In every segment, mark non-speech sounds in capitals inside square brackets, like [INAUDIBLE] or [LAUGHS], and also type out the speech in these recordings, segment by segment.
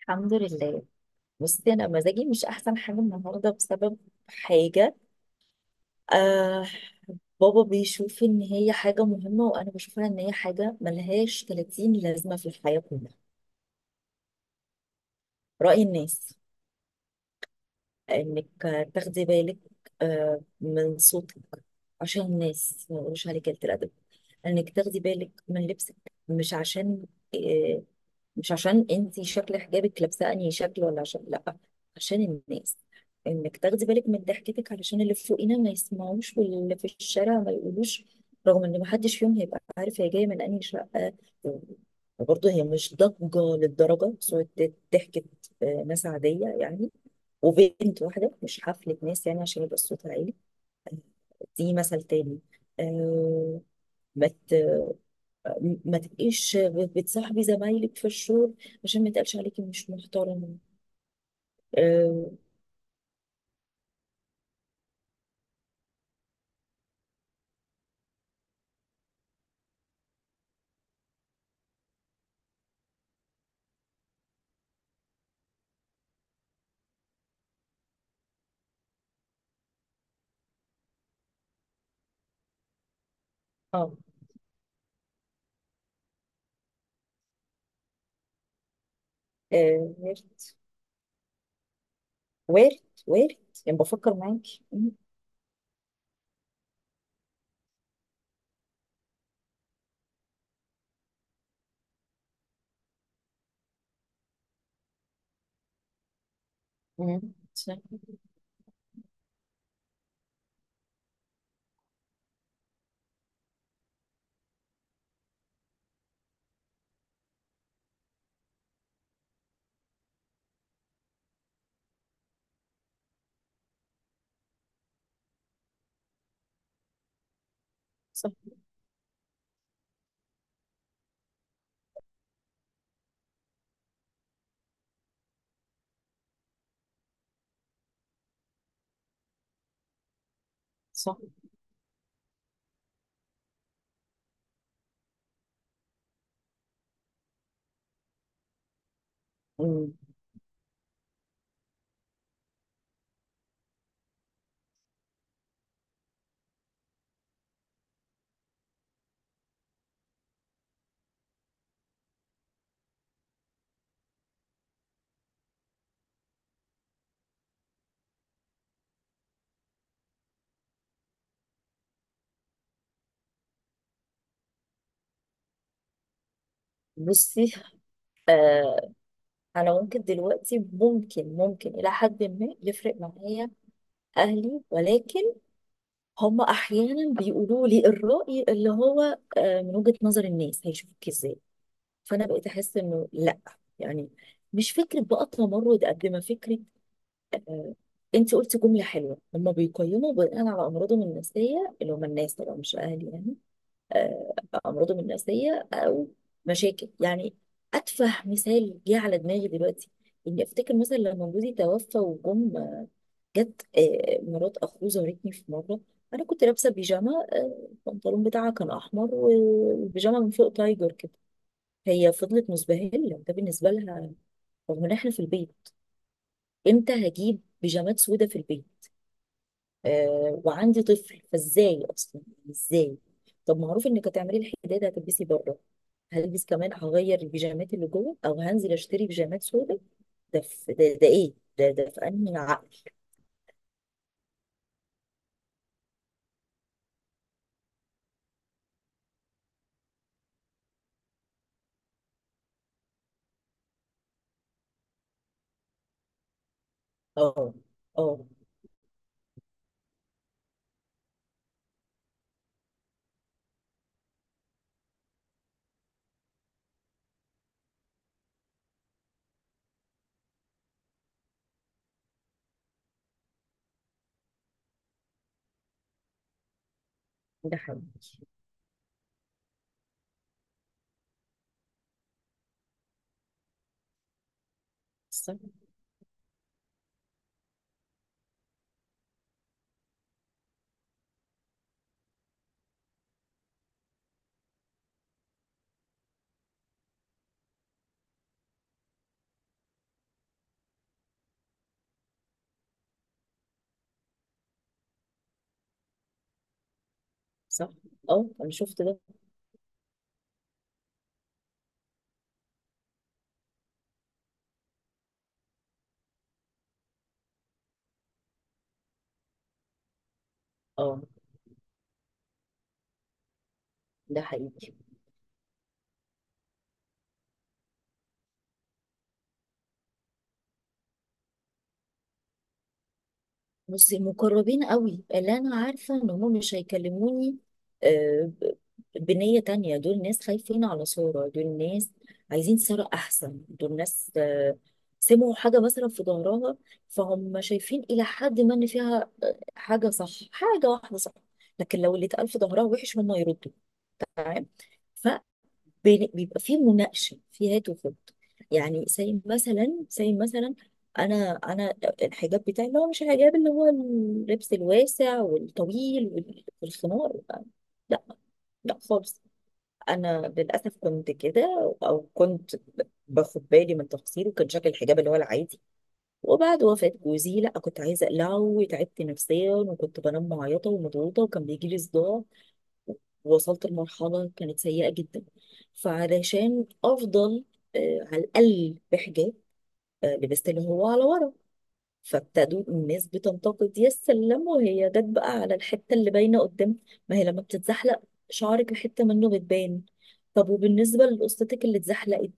الحمد لله. بصي انا مزاجي مش احسن حاجه النهارده بسبب حاجه. آه بابا بيشوف ان هي حاجه مهمه، وانا بشوفها ان هي حاجه ملهاش 30 لازمه في الحياه كلها، راي الناس. انك تاخدي بالك من صوتك عشان الناس ما يقولوش عليك قلة الادب، انك تاخدي بالك من لبسك. مش عشان آه، مش عشان انت شكل حجابك لابسه انهي شكل، ولا عشان لا، عشان الناس. انك تاخدي بالك من ضحكتك علشان اللي فوقينا ما يسمعوش واللي في الشارع ما يقولوش، رغم ان ما حدش فيهم هيبقى عارف هي جايه من انهي شقه. برضه هي مش ضجه للدرجه، صوت ضحكه ناس عاديه يعني، وبنت واحده، مش حفله ناس يعني عشان يبقى الصوت عالي. دي مثل تاني. أه. ما ت- ما تبقيش بتصاحبي زمايلك في الشغل عشان ما يتقالش عليكي مش محترمة. اه. اه. وارد، وارد، وارد. يعني بفكر معاكي. مم. صح. صح. صح. مم. بصي، آه انا ممكن دلوقتي، ممكن الى حد ما يفرق معايا اهلي، ولكن هم احيانا بيقولوا لي الرأي اللي هو من وجهة نظر الناس هيشوفك ازاي. فانا بقيت احس انه لا، يعني مش فكره بقى تمرد قد ما فكره. انت قلتي جمله حلوه، هم بيقيموا بناء على امراضهم النفسيه، اللي هم الناس طبعا مش اهل يعني. آه، امراضهم النفسيه او مشاكل يعني. اتفه مثال جه على دماغي دلوقتي، اني افتكر مثلا لما جوزي توفى، جت مرات اخوه زارتني في مره. انا كنت لابسه بيجامه، البنطلون بتاعها كان احمر والبيجامه من فوق تايجر كده. هي فضلت مزبهله، ده بالنسبه لها، رغم ان احنا في البيت. امتى هجيب بيجامات سودة في البيت؟ وعندي طفل، فازاي اصلا؟ ازاي؟ طب معروف انك هتعملي الحداده هتلبسي بره، هلبس كمان هغير البيجامات اللي جوه، او هنزل اشتري بيجامات سودة؟ ده في ده, ده ايه؟ ده ده في انهي عقل؟ اه. اه. ده حقيقي. صح. صح. اه، انا شفت ده. اه، ده حقيقي. بصي، مقربين قوي اللي انا عارفه ان هم مش هيكلموني آه، ب- بنيه تانية، دول ناس خايفين على صوره، دول ناس عايزين صوره احسن، دول ناس سمعوا حاجه مثلا في ظهرها، فهم شايفين الى حد ما ان فيها حاجه صح، حاجه واحده صح. لكن لو اللي اتقال في ظهرها وحش هم يردوا، تمام. بيبقى فيه مناقشه، في هات وخد. يعني زي مثلا، زي مثلا انا الحجاب بتاعي اللي هو مش الحجاب اللي هو اللبس الواسع والطويل والخمار. لا، لا خالص. انا للاسف كنت كده، او كنت باخد بالي من تقصيري، وكان شكل الحجاب اللي هو العادي. وبعد وفاة جوزي، لا، كنت عايزه اقلعه، وتعبت نفسيا، وكنت بنام معيطه ومضغوطه، وكان بيجي لي صداع. وصلت لمرحلة كانت سيئة جدا. فعلشان أفضل على الأقل بحجاب، لبست اللي هو على ورا. فابتدوا الناس بتنتقد، يا سلام، وهي جت بقى على الحتة اللي باينة قدام. ما هي لما بتتزحلق شعرك حتة منه بتبان. طب وبالنسبة لقصتك اللي اتزحلقت،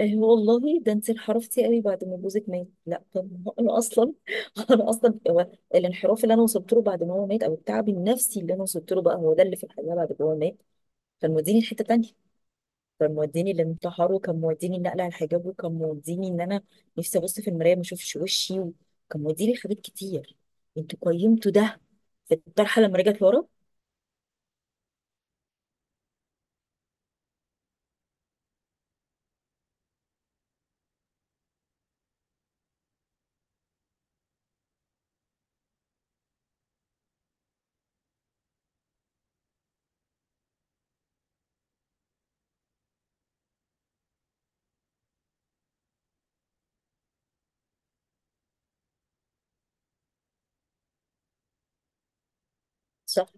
والله ده انت انحرفتي قوي بعد ما جوزك مات. لا طب ما هو انا اصلا [LAUGHS] انا اصلا هو الانحراف اللي انا وصلت له بعد ما هو مات، او التعب النفسي اللي انا وصلت له، بقى هو ده اللي في الحقيقه بعد ما هو مات كان موديني لحته تانية. كان موديني الانتحار، وكان موديني النقل على الحجاب، وكان موديني ان انا نفسي ابص في المرايه ما اشوفش وشي، وكان موديني حاجات كتير. انتوا قيمتوا ده في الطرحه لما رجعت ورا. صح.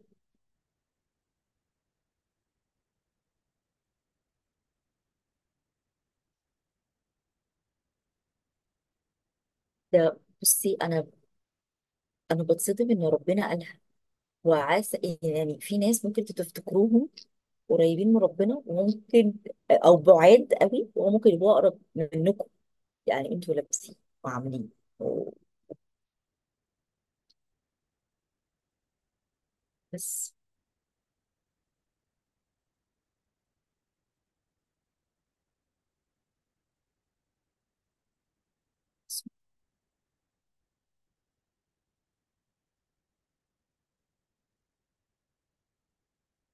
ده بصي، انا بتصدم ان ربنا قالها وعسى. يعني في ناس ممكن تفتكروهم قريبين من ربنا، وممكن او بعاد قوي وممكن يبقوا اقرب منكم. يعني انتوا لابسين وعاملين و- بس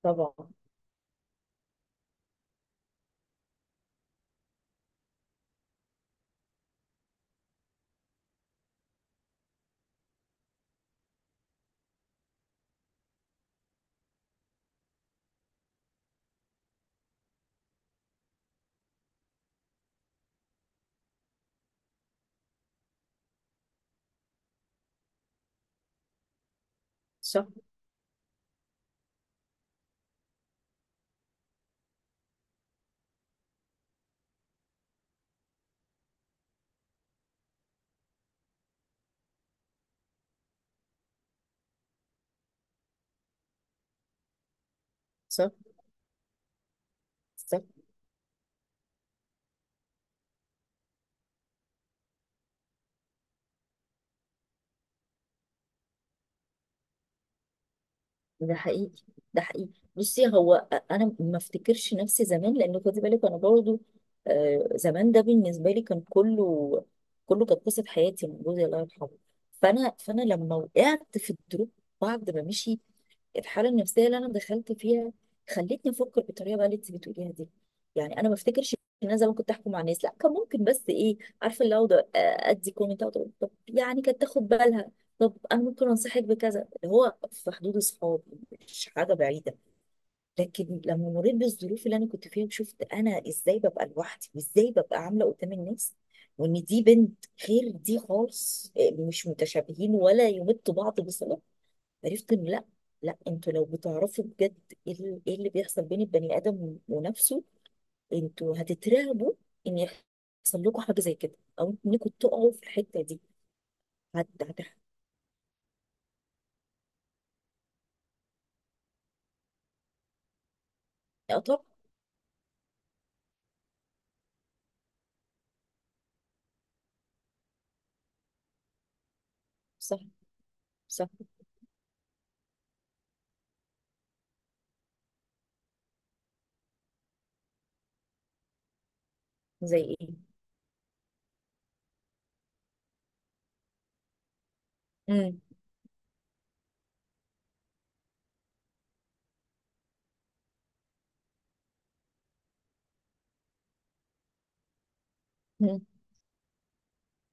طبعا. صح. صح. صح. ده حقيقي. ده حقيقي. بصي، انا ما افتكرش نفسي زمان، لان خدي بالك انا برضو زمان ده بالنسبه لي كان كله، كله كانت قصه حياتي من جوزي الله يرحمه. فانا لما وقعت في الدروب بعد ما مشي، الحاله النفسيه اللي انا دخلت فيها خلتني افكر بالطريقه بقى اللي انت بتقوليها دي. يعني انا ما افتكرش ان انا زمان كنت احكم مع الناس، لا، كان ممكن بس ايه؟ عارفه، اللي اقعد ادي كومنت، أقعد أقول طب يعني كانت تاخد بالها، طب انا ممكن انصحك بكذا، اللي هو في حدود الصحاب، مش حاجه بعيده. لكن لما مريت بالظروف اللي انا كنت فيها، وشفت انا ازاي ببقى لوحدي، وازاي ببقى عامله قدام الناس، وان دي بنت غير دي خالص، مش متشابهين ولا يمتوا بعض بصله، عرفت ان لا. لا، انتوا لو بتعرفوا بجد إيه اللي بيحصل بين البني ادم ونفسه، انتوا هتترعبوا ان يحصل لكم حاجه زي كده، او انكم تقعوا في الحته دي. هت هت. اه طب. صح. صح. زي ايه؟ امم.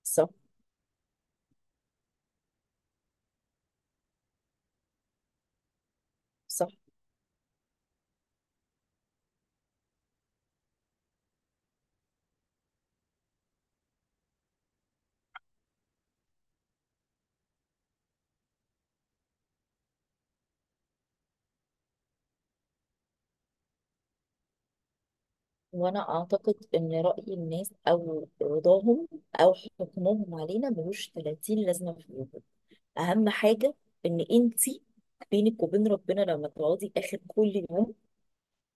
صح. صح. وانا اعتقد ان راي الناس، او رضاهم، او حكمهم علينا ملوش 30 لازمه في الوجود. اهم حاجه ان انت بينك وبين ربنا لما تقعدي اخر كل يوم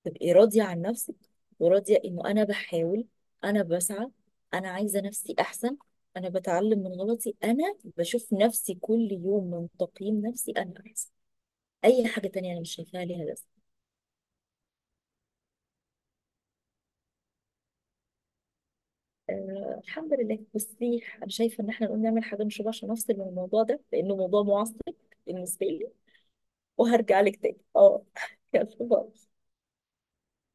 تبقي راضيه عن نفسك، وراضيه انه انا بحاول، انا بسعى، انا عايزه نفسي احسن، انا بتعلم من غلطي، انا بشوف نفسي كل يوم من تقييم نفسي انا احسن. اي حاجه تانية انا مش شايفاها ليها لازمه. الحمد لله. بصي انا شايفه ان احنا نقوم نعمل حاجه نشربها عشان نفصل من الموضوع ده، لانه موضوع معصب بالنسبه لي، وهرجع لك تاني. اه [LAUGHS] يلا باي.